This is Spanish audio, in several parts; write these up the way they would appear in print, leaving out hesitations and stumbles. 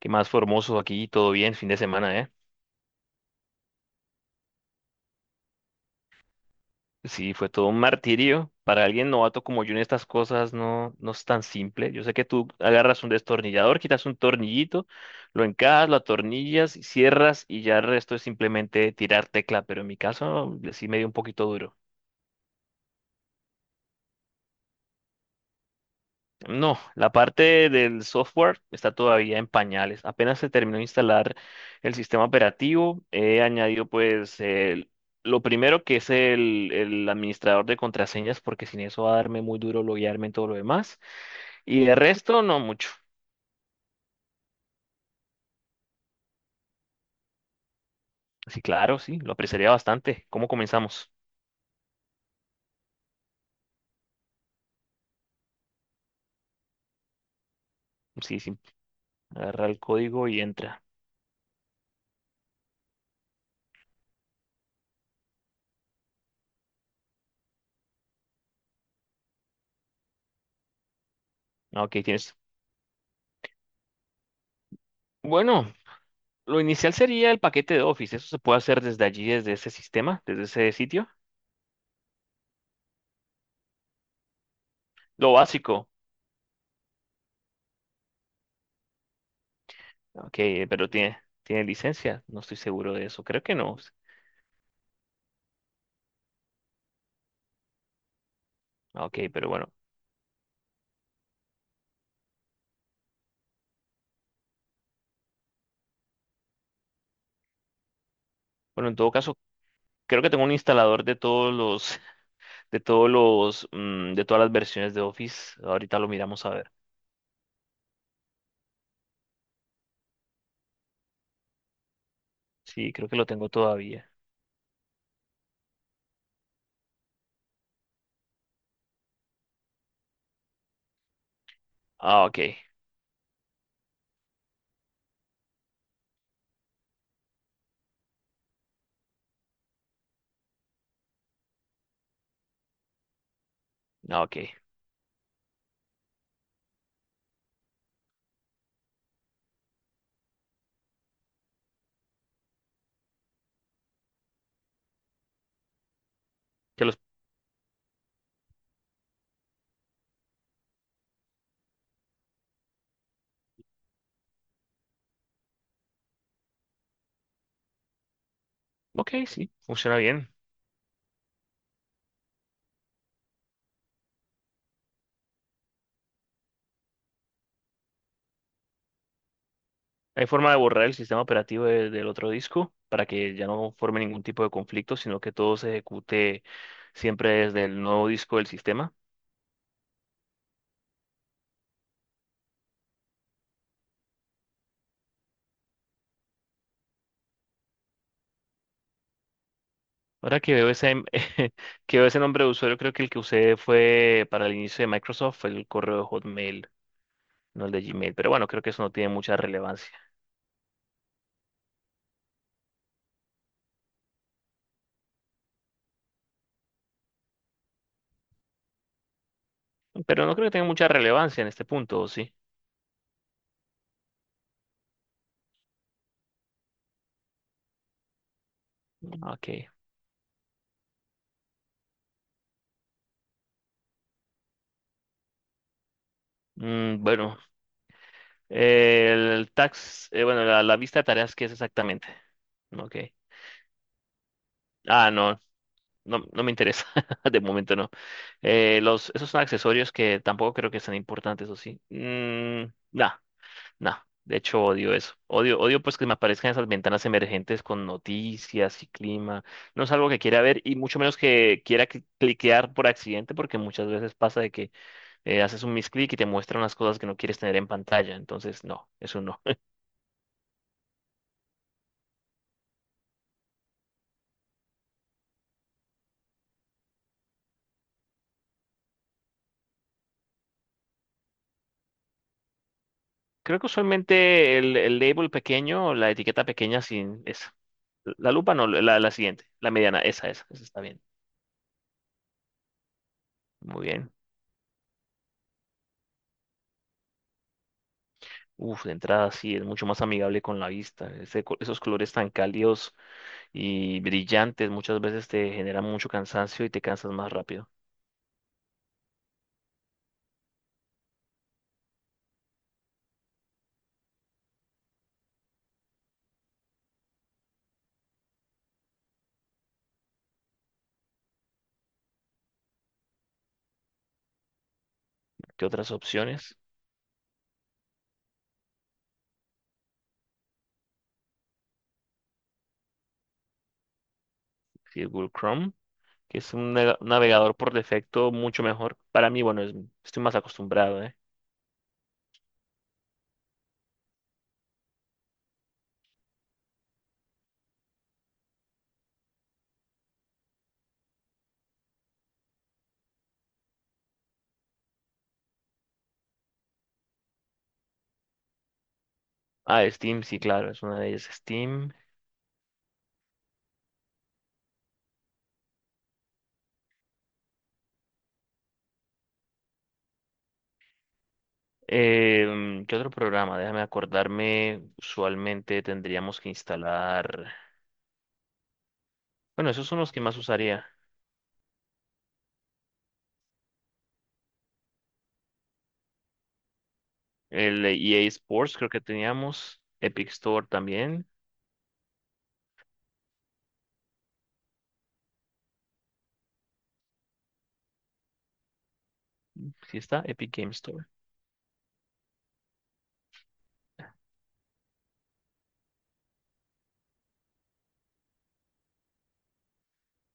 ¿Qué más formoso aquí? Todo bien, fin de semana, ¿eh? Sí, fue todo un martirio. Para alguien novato como yo en estas cosas no es tan simple. Yo sé que tú agarras un destornillador, quitas un tornillito, lo encajas, lo atornillas, cierras y ya el resto es simplemente tirar tecla, pero en mi caso sí me dio un poquito duro. No, la parte del software está todavía en pañales. Apenas se terminó de instalar el sistema operativo, he añadido pues lo primero que es el administrador de contraseñas, porque sin eso va a darme muy duro loguearme en todo lo demás. Y el resto no mucho. Sí, claro, sí, lo apreciaría bastante. ¿Cómo comenzamos? Sí, sí, agarra el código y entra. Ah, ok, tienes. Bueno, lo inicial sería el paquete de Office. Eso se puede hacer desde allí, desde ese sistema, desde ese sitio. Lo básico. Ok, pero tiene, tiene licencia. No estoy seguro de eso. Creo que no. Ah, ok, pero bueno. Bueno, en todo caso, creo que tengo un instalador de todos los, de todos los, de todas las versiones de Office. Ahorita lo miramos a ver. Sí, creo que lo tengo todavía. Ah, ok. Ah, ok. Que los, ok, sí, funciona bien. Hay forma de borrar el sistema operativo del otro disco para que ya no forme ningún tipo de conflicto, sino que todo se ejecute siempre desde el nuevo disco del sistema. Ahora que veo ese, que veo ese nombre de usuario, creo que el que usé fue para el inicio de Microsoft, el correo de Hotmail, no el de Gmail. Pero bueno, creo que eso no tiene mucha relevancia. Pero no creo que tenga mucha relevancia en este punto, ¿o sí? Ok. Mm, bueno, el tax, bueno, la vista de tareas, ¿qué es exactamente? Ok. Ah, no me interesa. De momento no. Esos son accesorios que tampoco creo que sean importantes, ¿o sí? Nah. No, de hecho odio eso. Odio, odio pues que me aparezcan esas ventanas emergentes con noticias y clima. No es algo que quiera ver y mucho menos que quiera cliquear por accidente porque muchas veces pasa de que haces un misclick y te muestran las cosas que no quieres tener en pantalla. Entonces, no, eso no. Creo que usualmente el label pequeño, la etiqueta pequeña sin esa. La lupa no, la siguiente, la mediana, esa está bien. Muy bien. Uf, de entrada sí, es mucho más amigable con la vista. Ese esos colores tan cálidos y brillantes, muchas veces te generan mucho cansancio y te cansas más rápido qué otras opciones. Si Google Chrome, que es un navegador por defecto mucho mejor. Para mí, bueno, estoy más acostumbrado, ¿eh? Ah, Steam, sí, claro, es una de ellas, Steam. ¿Qué otro programa? Déjame acordarme. Usualmente tendríamos que instalar. Bueno, esos son los que más usaría. El de EA Sports creo que teníamos. Epic Store también. Sí está, Epic Game Store.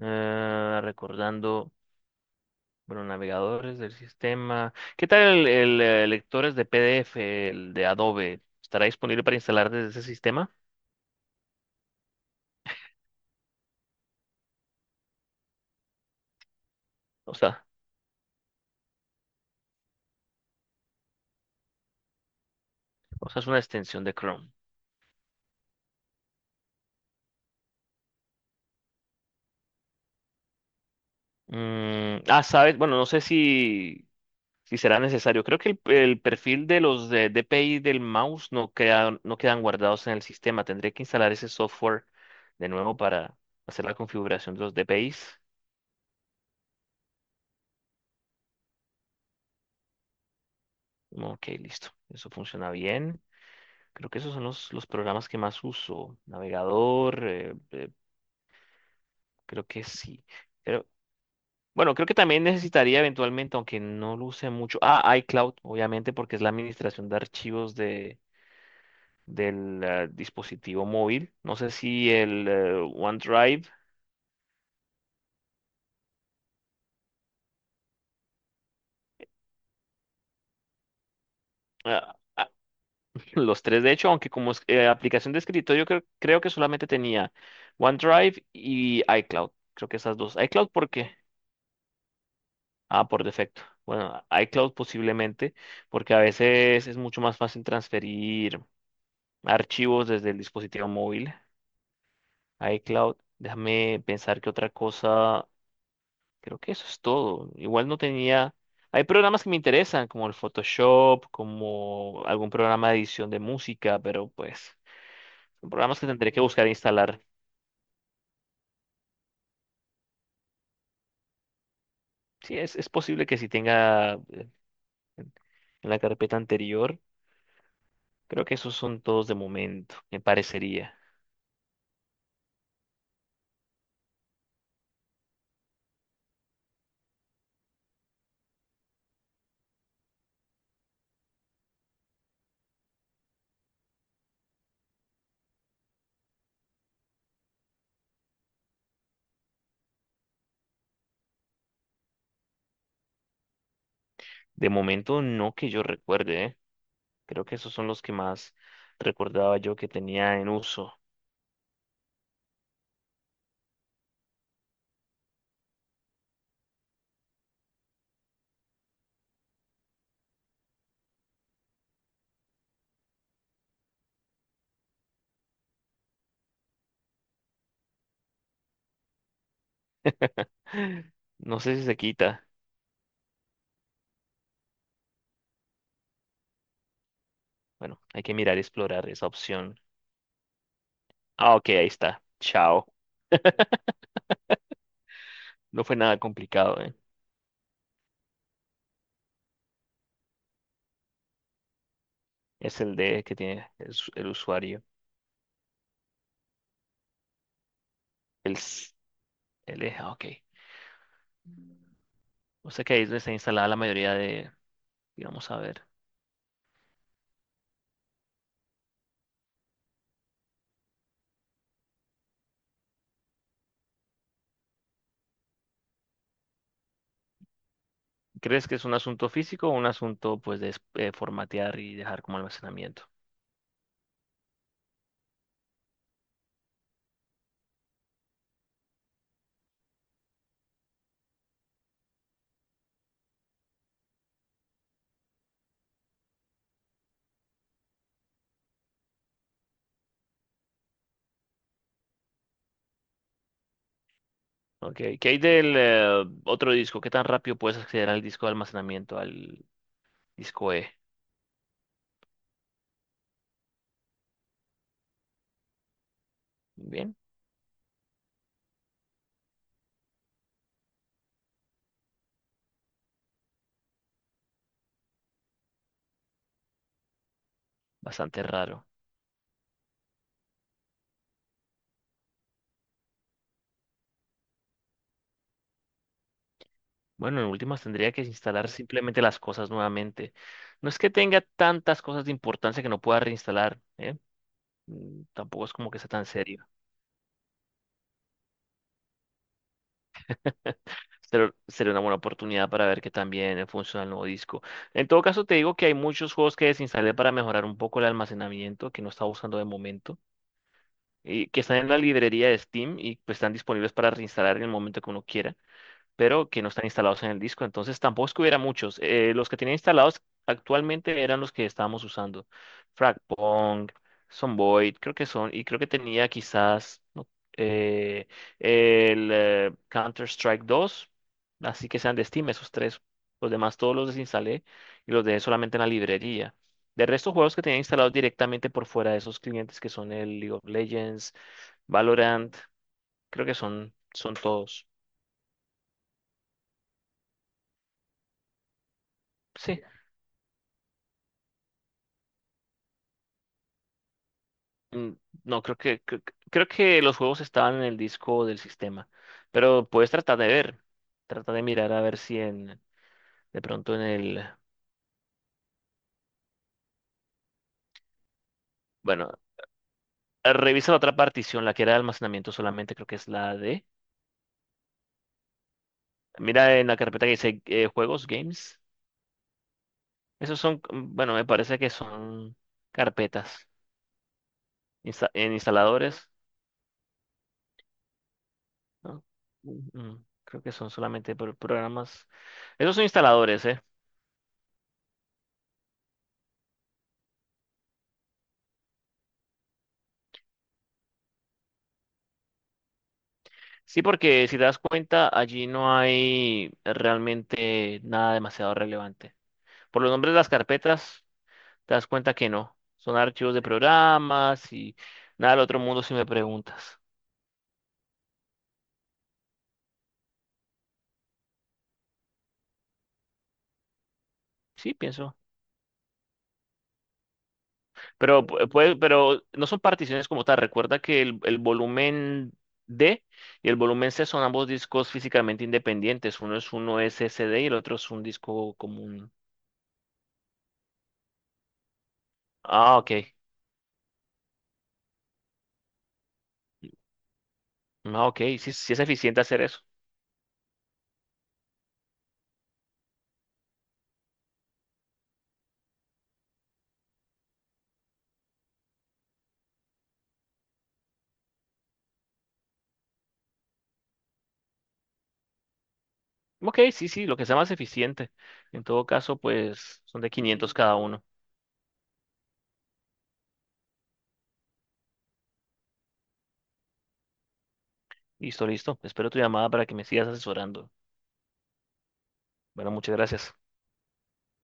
Ah, recordando. Bueno, navegadores del sistema. ¿Qué tal lectores de PDF, el de Adobe? ¿Estará disponible para instalar desde ese sistema? O sea, o sea, es una extensión de Chrome. Sabes, bueno, no sé si, si será necesario. Creo que el perfil de los de DPI del mouse no quedan guardados en el sistema. Tendré que instalar ese software de nuevo para hacer la configuración de los DPIs. Ok, listo. Eso funciona bien. Creo que esos son los programas que más uso. Navegador, creo que sí. Pero, bueno, creo que también necesitaría eventualmente, aunque no lo use mucho. Ah, iCloud, obviamente, porque es la administración de archivos de, del dispositivo móvil. No sé si el OneDrive, ah, ah, los tres de hecho, aunque aplicación de escritorio, creo, creo que solamente tenía OneDrive y iCloud. Creo que esas dos. iCloud, ¿por qué? Ah, por defecto. Bueno, iCloud posiblemente, porque a veces es mucho más fácil transferir archivos desde el dispositivo móvil. iCloud, déjame pensar que otra cosa, creo que eso es todo. Igual no tenía... Hay programas que me interesan, como el Photoshop, como algún programa de edición de música, pero pues son programas que tendré que buscar e instalar. Sí, es posible que si tenga en en la carpeta anterior, creo que esos son todos de momento, me parecería. De momento no que yo recuerde, ¿eh? Creo que esos son los que más recordaba yo que tenía en uso. No sé si se quita. Bueno, hay que mirar y explorar esa opción. Ah, ok, ahí está. Chao. No fue nada complicado, ¿eh? Es el de que tiene el usuario. El, s- el eje, ah, ok. O sea que ahí es donde está instalada la mayoría de, digamos, a ver. ¿Crees que es un asunto físico o un asunto, pues, de formatear y dejar como almacenamiento? Ok, ¿qué hay del otro disco? ¿Qué tan rápido puedes acceder al disco de almacenamiento, al disco E? Bien, bastante raro. Bueno, en últimas tendría que instalar simplemente las cosas nuevamente. No es que tenga tantas cosas de importancia que no pueda reinstalar, ¿eh? Tampoco es como que sea tan serio. Pero sería una buena oportunidad para ver que también funciona el nuevo disco. En todo caso, te digo que hay muchos juegos que desinstalé para mejorar un poco el almacenamiento, que no estaba usando de momento, y que están en la librería de Steam y pues están disponibles para reinstalar en el momento que uno quiera, pero que no están instalados en el disco. Entonces tampoco es que hubiera muchos. Los que tenía instalados actualmente eran los que estábamos usando. Fragpong, Sonboy, creo que son, y creo que tenía quizás no, eh, el Counter-Strike 2, así que sean de Steam esos tres. Los demás todos los desinstalé y los dejé solamente en la librería. De resto, juegos que tenía instalados directamente por fuera de esos clientes que son el League of Legends, Valorant, creo que son, son todos. Sí. Mm, No, creo que los juegos estaban en el disco del sistema, pero puedes tratar de ver, trata de mirar a ver si en, de pronto en el, bueno, revisa la otra partición, la que era de almacenamiento solamente, creo que es la D. Mira en la carpeta que dice juegos, games. Esos son, bueno, me parece que son carpetas en instaladores, ¿no? Creo que son solamente programas. Esos son instaladores, ¿eh? Sí, porque si te das cuenta, allí no hay realmente nada demasiado relevante. Por los nombres de las carpetas, te das cuenta que no. Son archivos de programas y nada del otro mundo si me preguntas. Sí, pienso. Pero, pero no son particiones como tal. Recuerda que el volumen D y el volumen C son ambos discos físicamente independientes. Uno un SSD y el otro es un disco común. Ah, ok. Ah, ok. Sí, sí es eficiente hacer eso. Ok, sí, sí, lo que sea más eficiente. En todo caso, pues son de 500 cada uno. Listo, listo. Espero tu llamada para que me sigas asesorando. Bueno, muchas gracias.